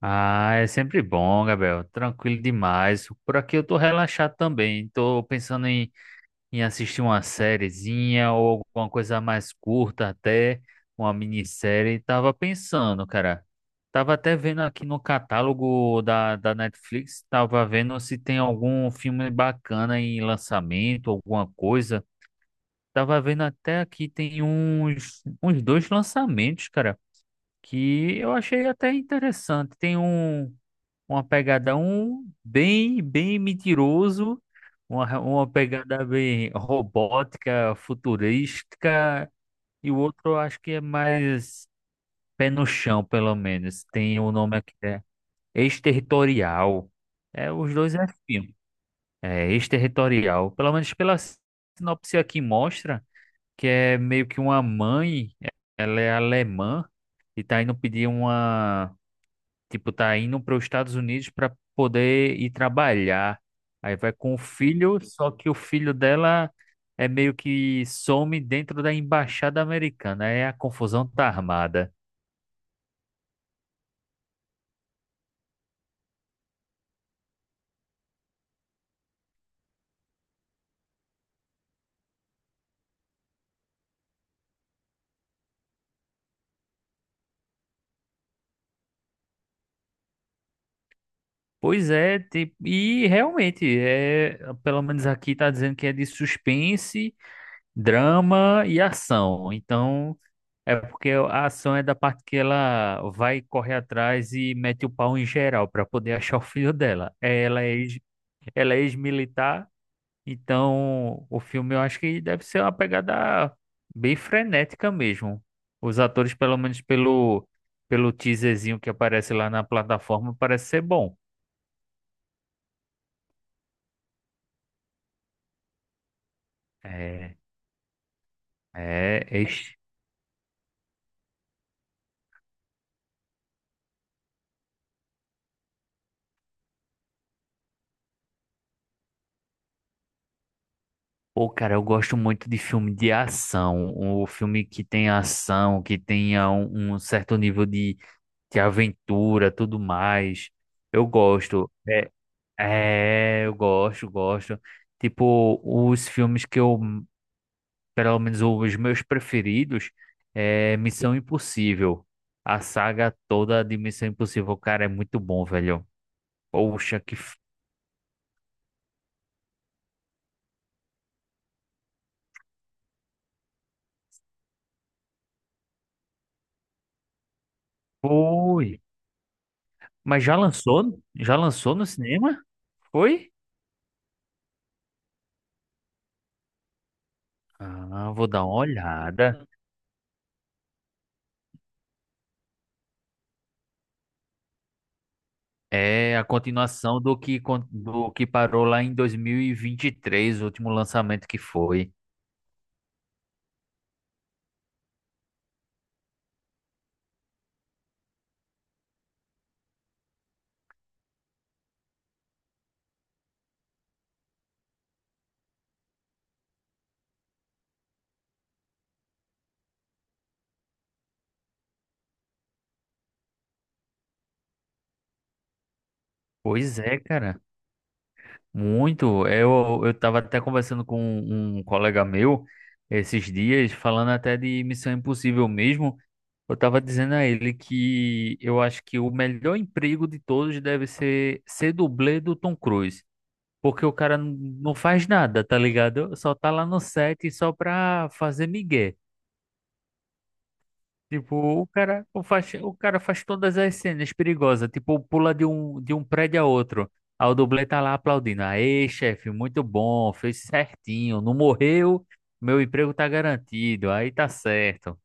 Ah, é sempre bom, Gabriel. Tranquilo demais. Por aqui eu tô relaxado também. Tô pensando em, assistir uma sériezinha ou alguma coisa mais curta até, uma minissérie. Tava pensando, cara. Tava até vendo aqui no catálogo da Netflix, tava vendo se tem algum filme bacana em lançamento, alguma coisa. Tava vendo até aqui tem uns dois lançamentos, cara, que eu achei até interessante. Tem uma pegada um bem, bem mentiroso, uma pegada bem robótica, futurística, e o outro eu acho que é mais pé no chão, pelo menos. Tem o nome aqui, é Exterritorial. É, os dois é filme. É Exterritorial. Pelo menos pela sinopse aqui mostra que é meio que uma mãe, ela é alemã e tá indo pedir uma. Tipo, tá indo para os Estados Unidos para poder ir trabalhar. Aí vai com o filho, só que o filho dela é meio que some dentro da embaixada americana. Aí a confusão tá armada. Pois é, tipo, e realmente é, pelo menos aqui tá dizendo que é de suspense, drama e ação. Então, é porque a ação é da parte que ela vai correr atrás e mete o pau em geral para poder achar o filho dela. É. Ela é ex-militar. Então, o filme eu acho que deve ser uma pegada bem frenética mesmo. Os atores, pelo menos pelo, pelo teaserzinho que aparece lá na plataforma, parece ser bom. É, é, é. Pô, cara, eu gosto muito de filme de ação. O filme que tem ação, que tenha um, um certo nível de aventura, tudo mais. Eu gosto. É, é, eu gosto, gosto. Tipo, os filmes que eu, pelo menos os meus preferidos, é Missão Impossível. A saga toda de Missão Impossível, cara, é muito bom, velho. Poxa, que foi. Mas já lançou? Já lançou no cinema? Foi? Ah, vou dar uma olhada. É a continuação do que, do que parou lá em dois mil e vinte e três o último lançamento que foi. Pois é, cara. Muito. Eu tava até conversando com um colega meu esses dias, falando até de Missão Impossível mesmo. Eu tava dizendo a ele que eu acho que o melhor emprego de todos deve ser ser dublê do Tom Cruise. Porque o cara não faz nada, tá ligado? Só tá lá no set só pra fazer migué. Tipo, o cara faz todas as cenas perigosas, tipo, pula de um prédio a outro. Aí o dublê tá lá aplaudindo. Aê, chefe, muito bom, fez certinho, não morreu, meu emprego tá garantido, aí tá certo.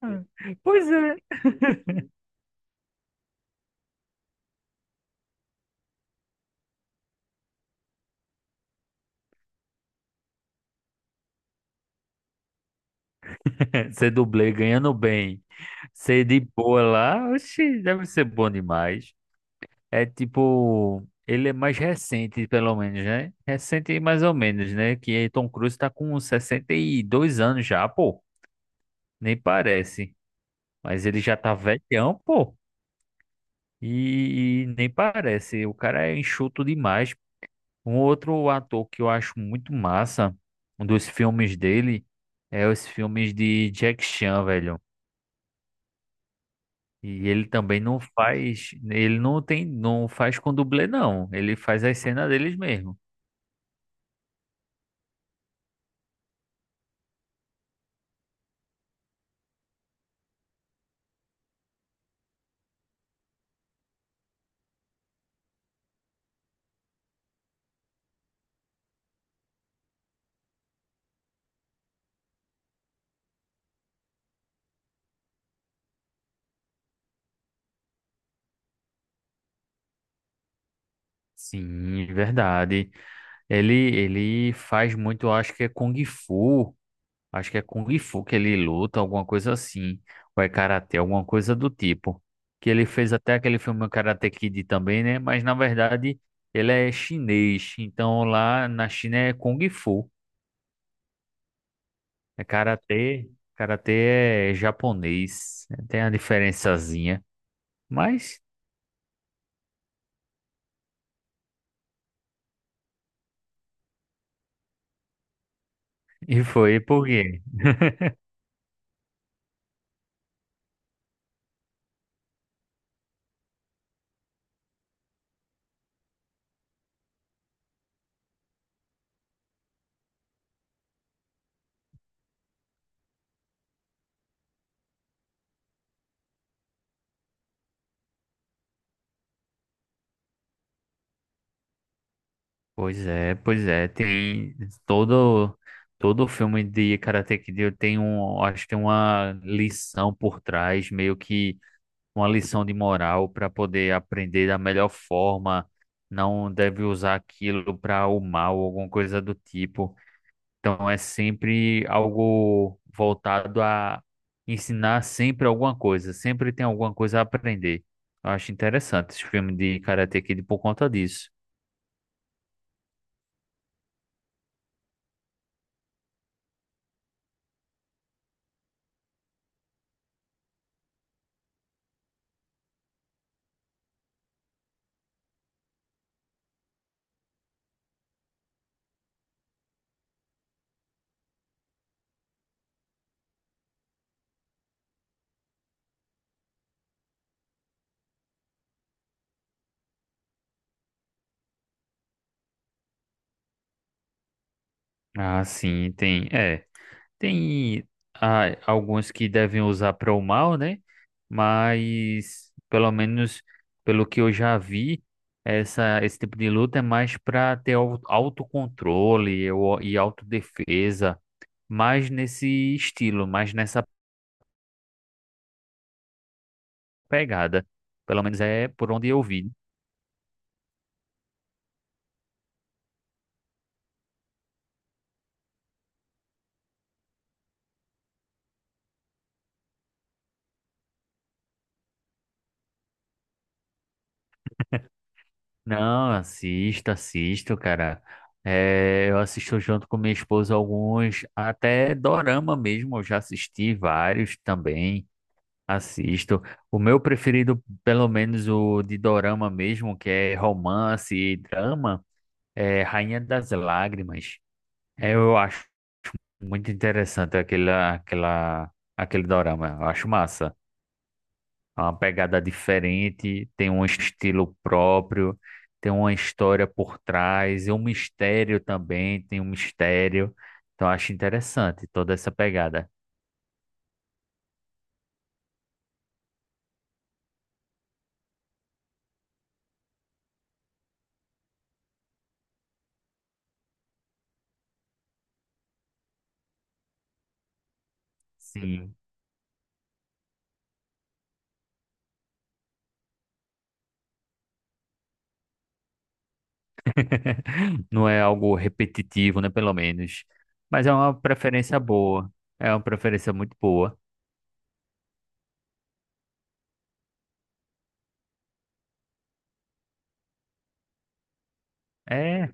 Ah, pois é. Ser dublê ganhando bem, ser de boa lá, oxi, deve ser bom demais. É tipo, ele é mais recente, pelo menos, né? Recente mais ou menos, né? Que Tom Cruise tá com 62 anos já, pô. Nem parece. Mas ele já tá velhão, pô. E nem parece. O cara é enxuto demais. Um outro ator que eu acho muito massa, um dos filmes dele, é os filmes de Jack Chan, velho. E ele também não faz, ele não tem, não faz com dublê, não. Ele faz as cenas deles mesmo. Sim, verdade. Ele faz muito, eu acho que é Kung Fu. Acho que é Kung Fu que ele luta, alguma coisa assim. Ou é Karatê, alguma coisa do tipo. Que ele fez até aquele filme Karate Kid também, né? Mas na verdade ele é chinês. Então lá na China é Kung Fu. É Karatê. Karatê é japonês. Tem a diferençazinha. Mas, e foi por quê? Pois é, pois é. Tem todo. Todo filme de Karate Kid tem um, acho que tem uma lição por trás, meio que uma lição de moral para poder aprender da melhor forma. Não deve usar aquilo para o mal, alguma coisa do tipo. Então é sempre algo voltado a ensinar sempre alguma coisa, sempre tem alguma coisa a aprender. Eu acho interessante esse filme de Karate Kid por conta disso. Ah, sim, tem. É. Tem, ah, alguns que devem usar para o mal, né? Mas, pelo menos pelo que eu já vi, esse tipo de luta é mais para ter autocontrole e, e autodefesa, mais nesse estilo, mais nessa pegada. Pelo menos é por onde eu vi. Não, assisto, assisto, cara. É, eu assisto junto com minha esposa alguns, até dorama mesmo, eu já assisti vários também. Assisto. O meu preferido, pelo menos o de dorama mesmo, que é romance e drama, é Rainha das Lágrimas. É, eu acho muito interessante aquele dorama. Eu acho massa. É uma pegada diferente, tem um estilo próprio, tem uma história por trás, e um mistério também, tem um mistério. Então, eu acho interessante toda essa pegada. Sim. Não é algo repetitivo, né? Pelo menos. Mas é uma preferência boa. É uma preferência muito boa. É,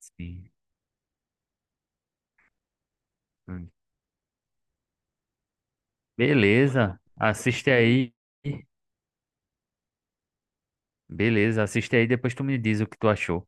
sim. Hum. Beleza. Assiste aí. Beleza, assiste aí, depois tu me diz o que tu achou.